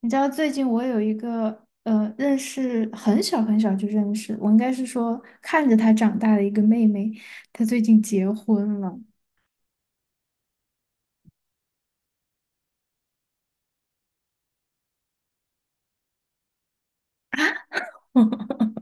你知道最近我有一个认识很小很小就认识，我应该是说看着他长大的一个妹妹，她最近结婚了。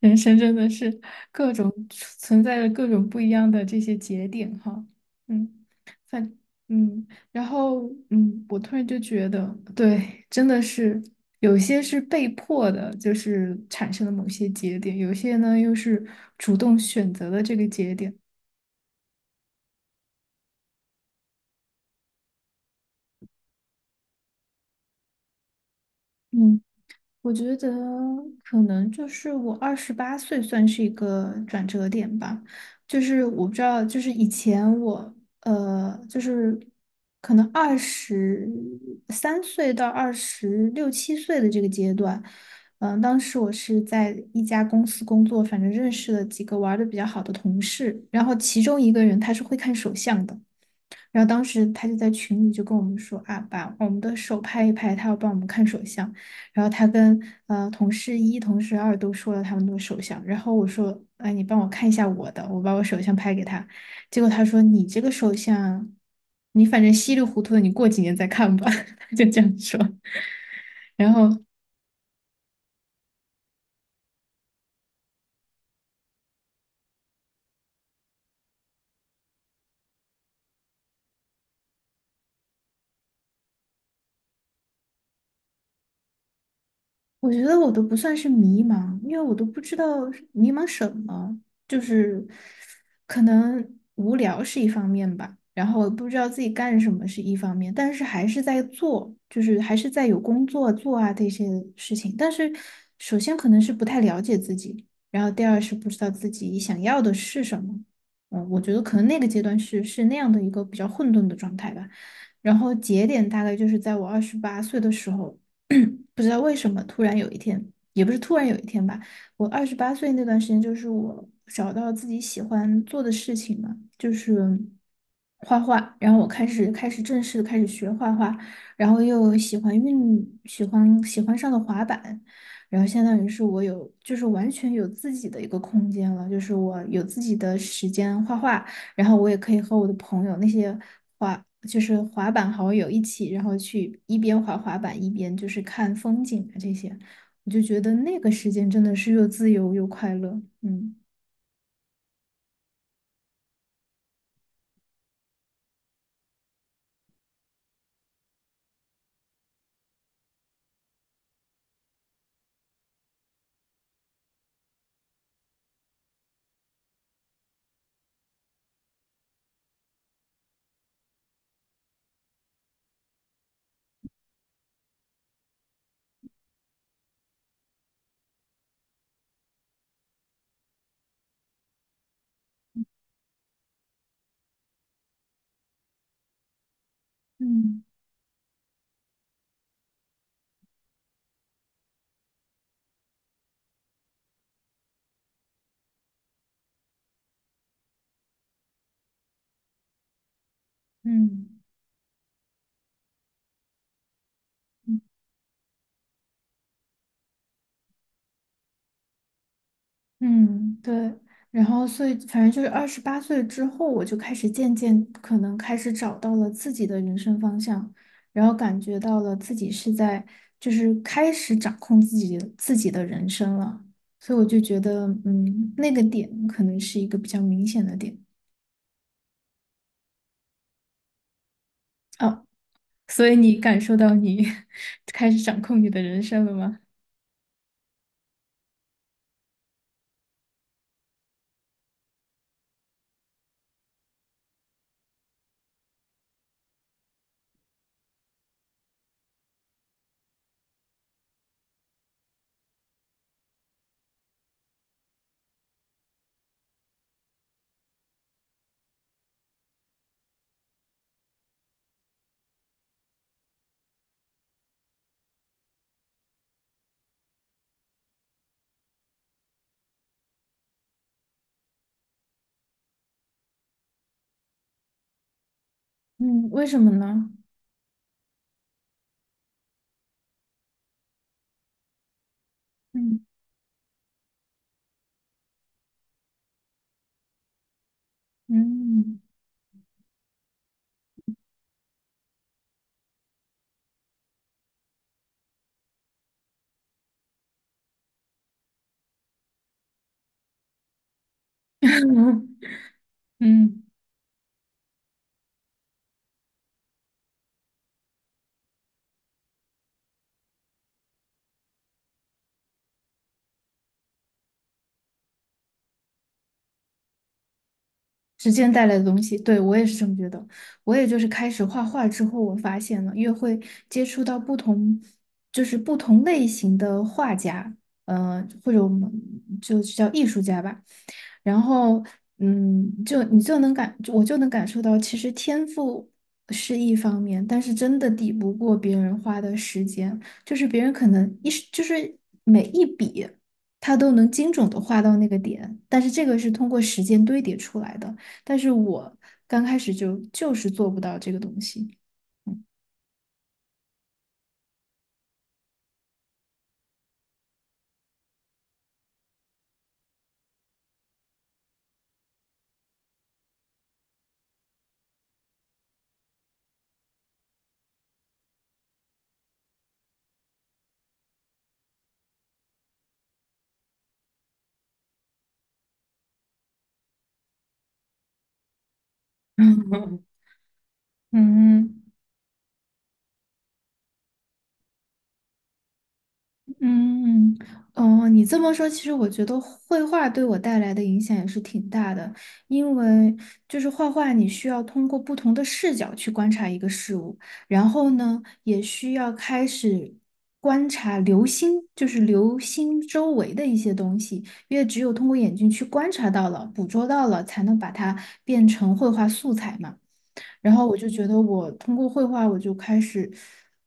人生真的是各种存在着各种不一样的这些节点哈。嗯，反然后我突然就觉得，对，真的是有些是被迫的，就是产生了某些节点，有些呢又是主动选择的这个节点。嗯。我觉得可能就是我二十八岁算是一个转折点吧，就是我不知道，就是以前我就是可能23岁到二十六七岁的这个阶段。当时我是在一家公司工作，反正认识了几个玩的比较好的同事，然后其中一个人他是会看手相的。然后当时他就在群里就跟我们说啊，把我们的手拍一拍，他要帮我们看手相。然后他跟同事一、同事二都说了他们的手相。然后我说，哎，你帮我看一下我的，我把我手相拍给他。结果他说，你这个手相，你反正稀里糊涂的，你过几年再看吧。他就这样说。然后。我觉得我都不算是迷茫，因为我都不知道是迷茫什么，就是可能无聊是一方面吧，然后我不知道自己干什么是一方面，但是还是在做，就是还是在有工作做啊这些事情。但是首先可能是不太了解自己，然后第二是不知道自己想要的是什么。我觉得可能那个阶段是那样的一个比较混沌的状态吧。然后节点大概就是在我二十八岁的时候。不知道为什么，突然有一天，也不是突然有一天吧，我二十八岁那段时间，就是我找到自己喜欢做的事情嘛，就是画画，然后我开始正式地开始学画画，然后又喜欢上了滑板，然后相当于是就是完全有自己的一个空间了，就是我有自己的时间画画，然后我也可以和我的朋友那些就是滑板好友一起，然后去一边滑滑板一边就是看风景啊这些，我就觉得那个时间真的是又自由又快乐。嗯嗯嗯。嗯嗯，对，然后所以反正就是二十八岁之后，我就开始渐渐可能开始找到了自己的人生方向，然后感觉到了自己是在就是开始掌控自己的人生了，所以我就觉得，那个点可能是一个比较明显的点哦。所以你感受到你 开始掌控你的人生了吗？嗯，为什么呢？嗯嗯 嗯。时间带来的东西，对，我也是这么觉得。我也就是开始画画之后，我发现了越会接触到不同，就是不同类型的画家，或者我们就是叫艺术家吧。然后，就你就能感，我就能感受到，其实天赋是一方面，但是真的抵不过别人花的时间，就是别人可能一时，就是每一笔，他都能精准的画到那个点，但是这个是通过时间堆叠出来的，但是我刚开始就是做不到这个东西。嗯嗯 嗯。嗯，哦，你这么说，其实我觉得绘画对我带来的影响也是挺大的，因为就是画画，你需要通过不同的视角去观察一个事物，然后呢，也需要开始观察流星，就是流星周围的一些东西，因为只有通过眼睛去观察到了、捕捉到了，才能把它变成绘画素材嘛。然后我就觉得我通过绘画，我就开始，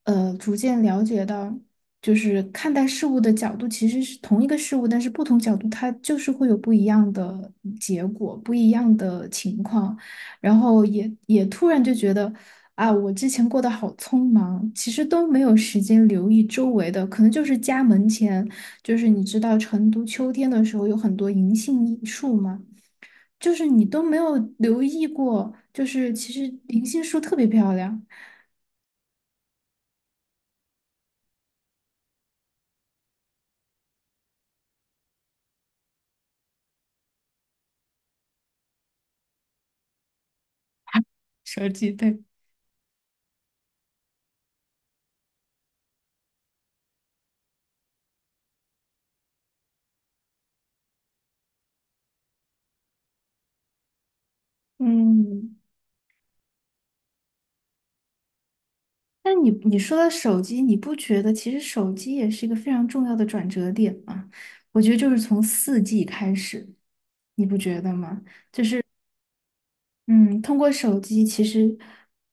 逐渐了解到，就是看待事物的角度其实是同一个事物，但是不同角度它就是会有不一样的结果，不一样的情况。然后也突然就觉得啊，我之前过得好匆忙，其实都没有时间留意周围的，可能就是家门前，就是你知道成都秋天的时候有很多银杏树吗？就是你都没有留意过，就是其实银杏树特别漂亮。手机对。嗯，那你说到手机，你不觉得其实手机也是一个非常重要的转折点吗？我觉得就是从4G 开始，你不觉得吗？嗯，通过手机其实，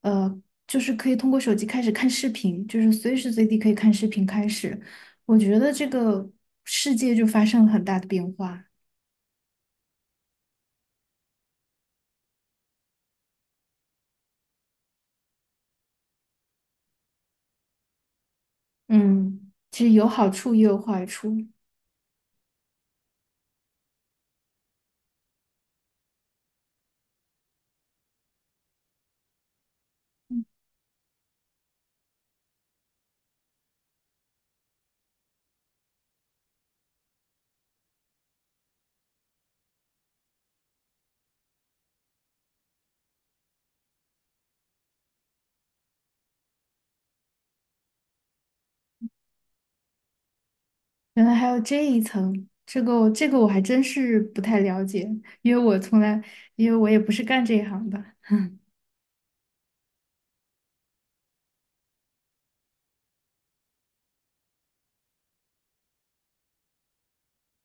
呃，就是可以通过手机开始看视频，就是随时随地可以看视频开始，我觉得这个世界就发生了很大的变化。嗯，其实有好处也有坏处。原来还有这一层，这个我还真是不太了解，因为我从来，因为我也不是干这一行的。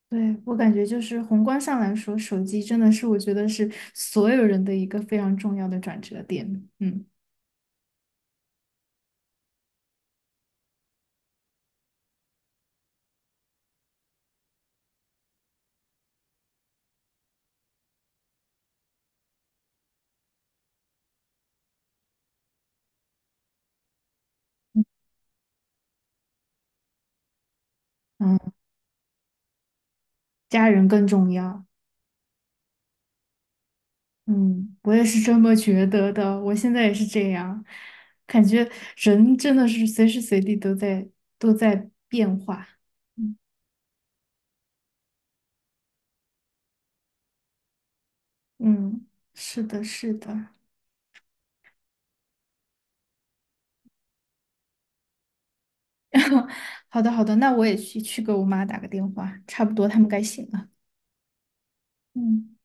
对，我感觉就是宏观上来说，手机真的是我觉得是所有人的一个非常重要的转折点。嗯嗯，家人更重要。嗯，我也是这么觉得的，我现在也是这样，感觉人真的是随时随地都在变化。嗯嗯，是的，是的。好的，好的，那我也去给我妈打个电话，差不多他们该醒了。嗯。